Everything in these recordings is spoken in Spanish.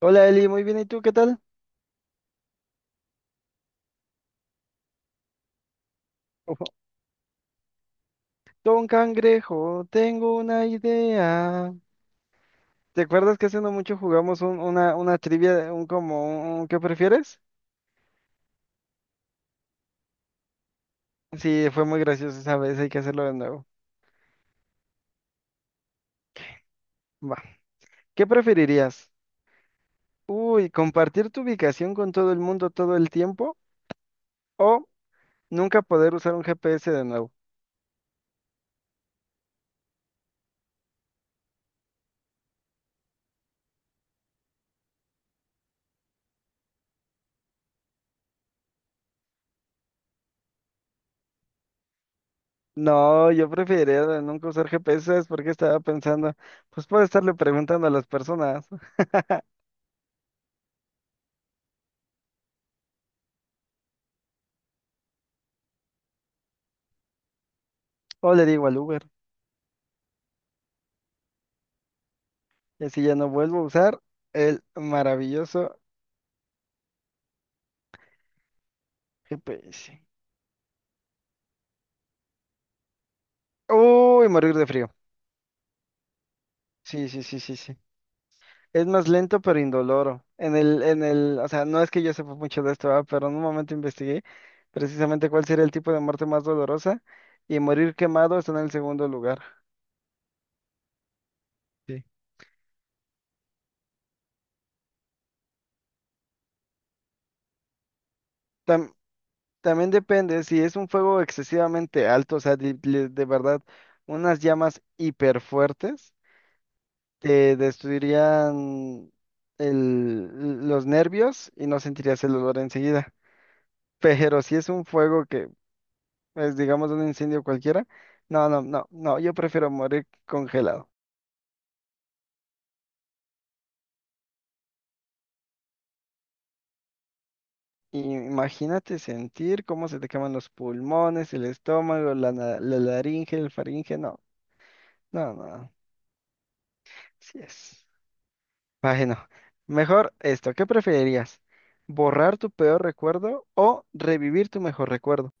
Hola Eli, muy bien, ¿y tú qué tal? Ojo. Don Cangrejo, tengo una idea. ¿Te acuerdas que hace no mucho jugamos una trivia, un como un ¿qué prefieres? Sí, fue muy gracioso esa vez, hay que hacerlo de nuevo. Va. ¿Qué preferirías? Uy, ¿compartir tu ubicación con todo el mundo todo el tiempo? ¿O nunca poder usar un GPS de nuevo? No, yo preferiría de nunca usar GPS, ¿sabes por qué estaba pensando? Pues puedo estarle preguntando a las personas. O le digo al Uber. Y así ya no vuelvo a usar el maravilloso GPS. Uy, morir de frío. Sí, sí, sí, sí, sí. Es más lento pero indoloro. O sea, no es que yo sepa mucho de esto, pero en un momento investigué precisamente cuál sería el tipo de muerte más dolorosa y morir quemado está en el segundo lugar. Sí. Tam- También depende si es un fuego excesivamente alto, o sea, de verdad, unas llamas hiper fuertes. Destruirían los nervios y no sentirías el olor enseguida. Pero si es un fuego que es, digamos, un incendio cualquiera, no, no, no, no, yo prefiero morir congelado. Imagínate sentir cómo se te queman los pulmones, el estómago, la laringe, el faringe, no, no, no, sí es. Bueno, mejor esto, ¿qué preferirías? ¿Borrar tu peor recuerdo o revivir tu mejor recuerdo?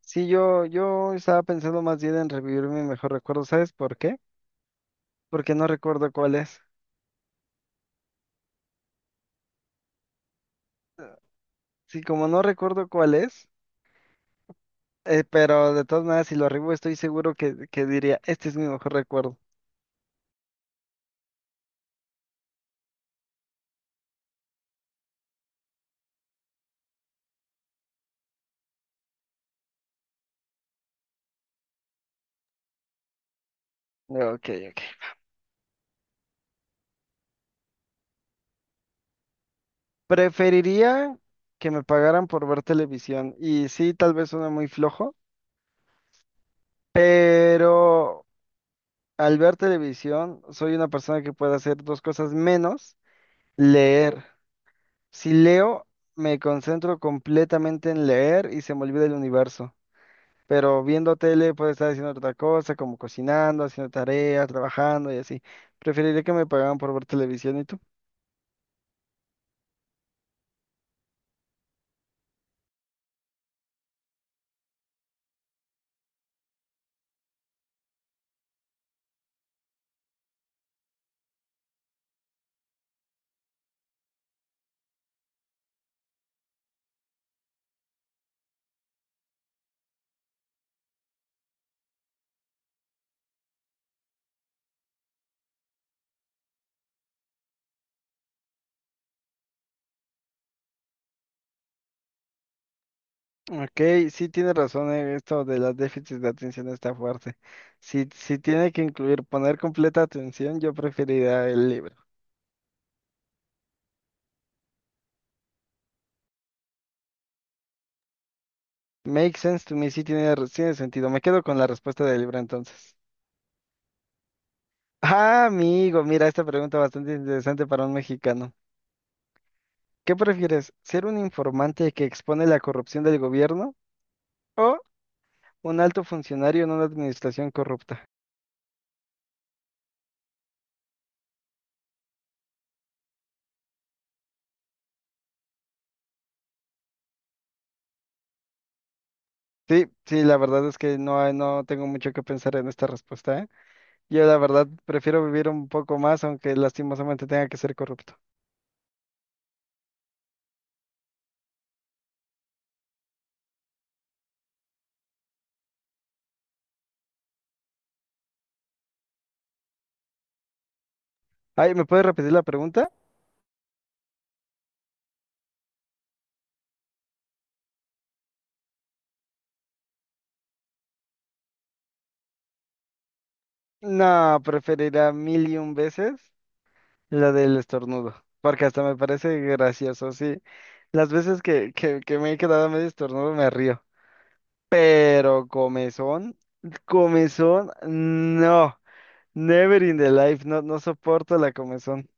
Sí, yo estaba pensando más bien en revivir mi mejor recuerdo. ¿Sabes por qué? Porque no recuerdo cuál es. Sí, como no recuerdo cuál es, pero de todas maneras, si lo revivo, estoy seguro que diría, este es mi mejor recuerdo. Ok, ok. Preferiría que me pagaran por ver televisión. Y sí, tal vez suena muy flojo, pero al ver televisión, soy una persona que puede hacer dos cosas menos leer. Si leo, me concentro completamente en leer y se me olvida el universo. Pero viendo tele puedo estar haciendo otra cosa, como cocinando, haciendo tareas, trabajando y así. Preferiría que me pagaran por ver televisión y tú. Ok, sí tienes razón, esto de los déficits de atención está fuerte. Si tiene que incluir poner completa atención, yo preferiría el libro. Make sense to me, sí tiene, tiene sentido. Me quedo con la respuesta del libro entonces. Ah, amigo, mira, esta pregunta bastante interesante para un mexicano. ¿Qué prefieres? ¿Ser un informante que expone la corrupción del gobierno o un alto funcionario en una administración corrupta? Sí, sí, la verdad es que no, no tengo mucho que pensar en esta respuesta, ¿eh? Yo la verdad prefiero vivir un poco más, aunque lastimosamente tenga que ser corrupto. Ay, ¿me puedes repetir la pregunta? No, preferirá mil y un veces la del estornudo, porque hasta me parece gracioso, sí. Las veces que me he quedado medio estornudo me río. Pero comezón, comezón, no, never in the life, no, no soporto la comezón.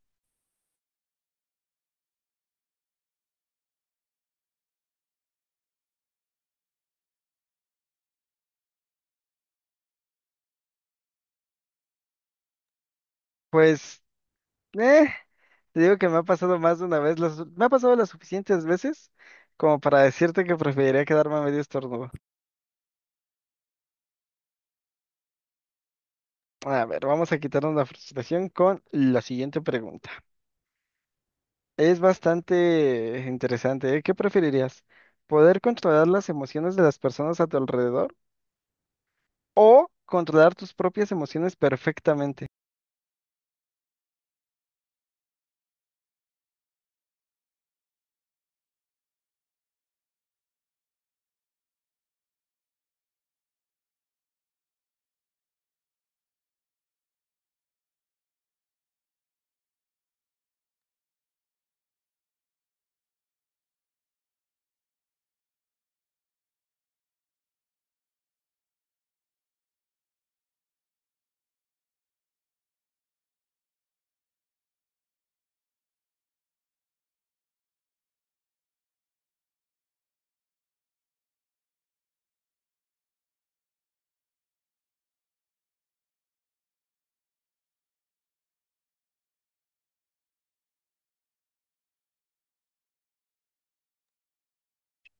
Pues, eh, te digo que me ha pasado más de una vez, me ha pasado las suficientes veces como para decirte que preferiría quedarme a medio estornudo. A ver, vamos a quitarnos la frustración con la siguiente pregunta. Es bastante interesante, ¿eh? ¿Qué preferirías? ¿Poder controlar las emociones de las personas a tu alrededor o controlar tus propias emociones perfectamente?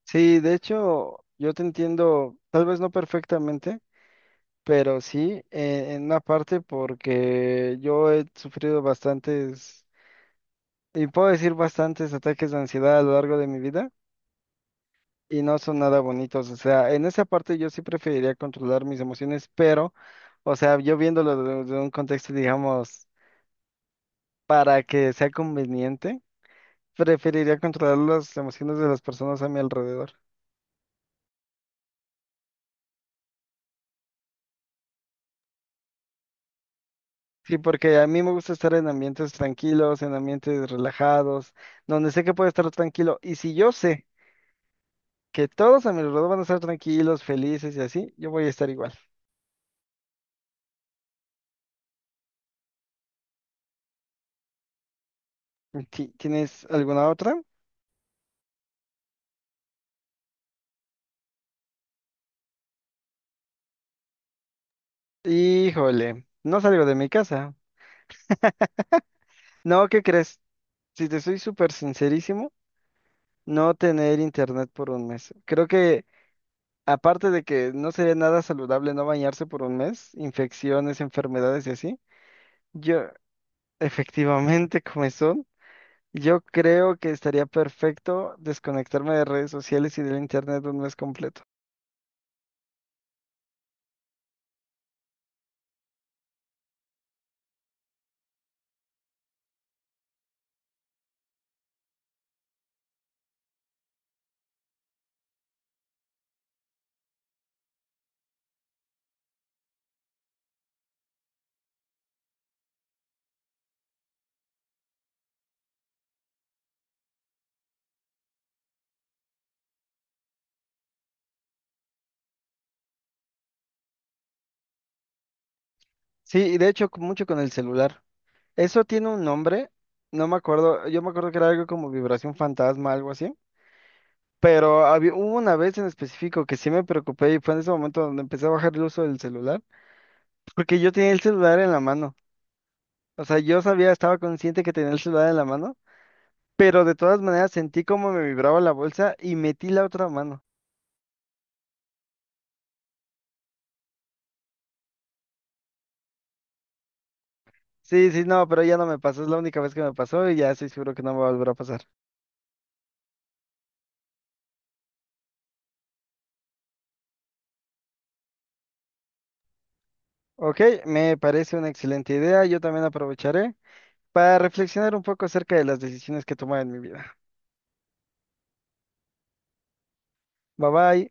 Sí, de hecho, yo te entiendo, tal vez no perfectamente, pero sí en una parte porque yo he sufrido bastantes, y puedo decir bastantes ataques de ansiedad a lo largo de mi vida y no son nada bonitos. O sea, en esa parte yo sí preferiría controlar mis emociones, pero, o sea, yo viéndolo desde un contexto, digamos, para que sea conveniente, preferiría controlar las emociones de las personas a mi alrededor. Sí, porque a mí me gusta estar en ambientes tranquilos, en ambientes relajados, donde sé que puedo estar tranquilo. Y si yo sé que todos a mi alrededor van a estar tranquilos, felices y así, yo voy a estar igual. ¿Tienes alguna otra? Híjole, no salgo de mi casa. No, ¿qué crees? Si te soy súper sincerísimo, no tener internet por un mes. Creo que aparte de que no sería nada saludable no bañarse por un mes, infecciones, enfermedades y así, yo efectivamente comezón. Yo creo que estaría perfecto desconectarme de redes sociales y del internet un mes completo. Sí, y de hecho mucho con el celular. Eso tiene un nombre, no me acuerdo, yo me acuerdo que era algo como vibración fantasma, algo así. Pero había, hubo una vez en específico que sí me preocupé y fue en ese momento donde empecé a bajar el uso del celular, porque yo tenía el celular en la mano. O sea, yo sabía, estaba consciente que tenía el celular en la mano, pero de todas maneras sentí como me vibraba la bolsa y metí la otra mano. Sí, sí, no, pero ya no me pasó, es la única vez que me pasó y ya estoy seguro que no me va a volver a pasar. Ok, me parece una excelente idea, yo también aprovecharé para reflexionar un poco acerca de las decisiones que tomé en mi vida. Bye bye.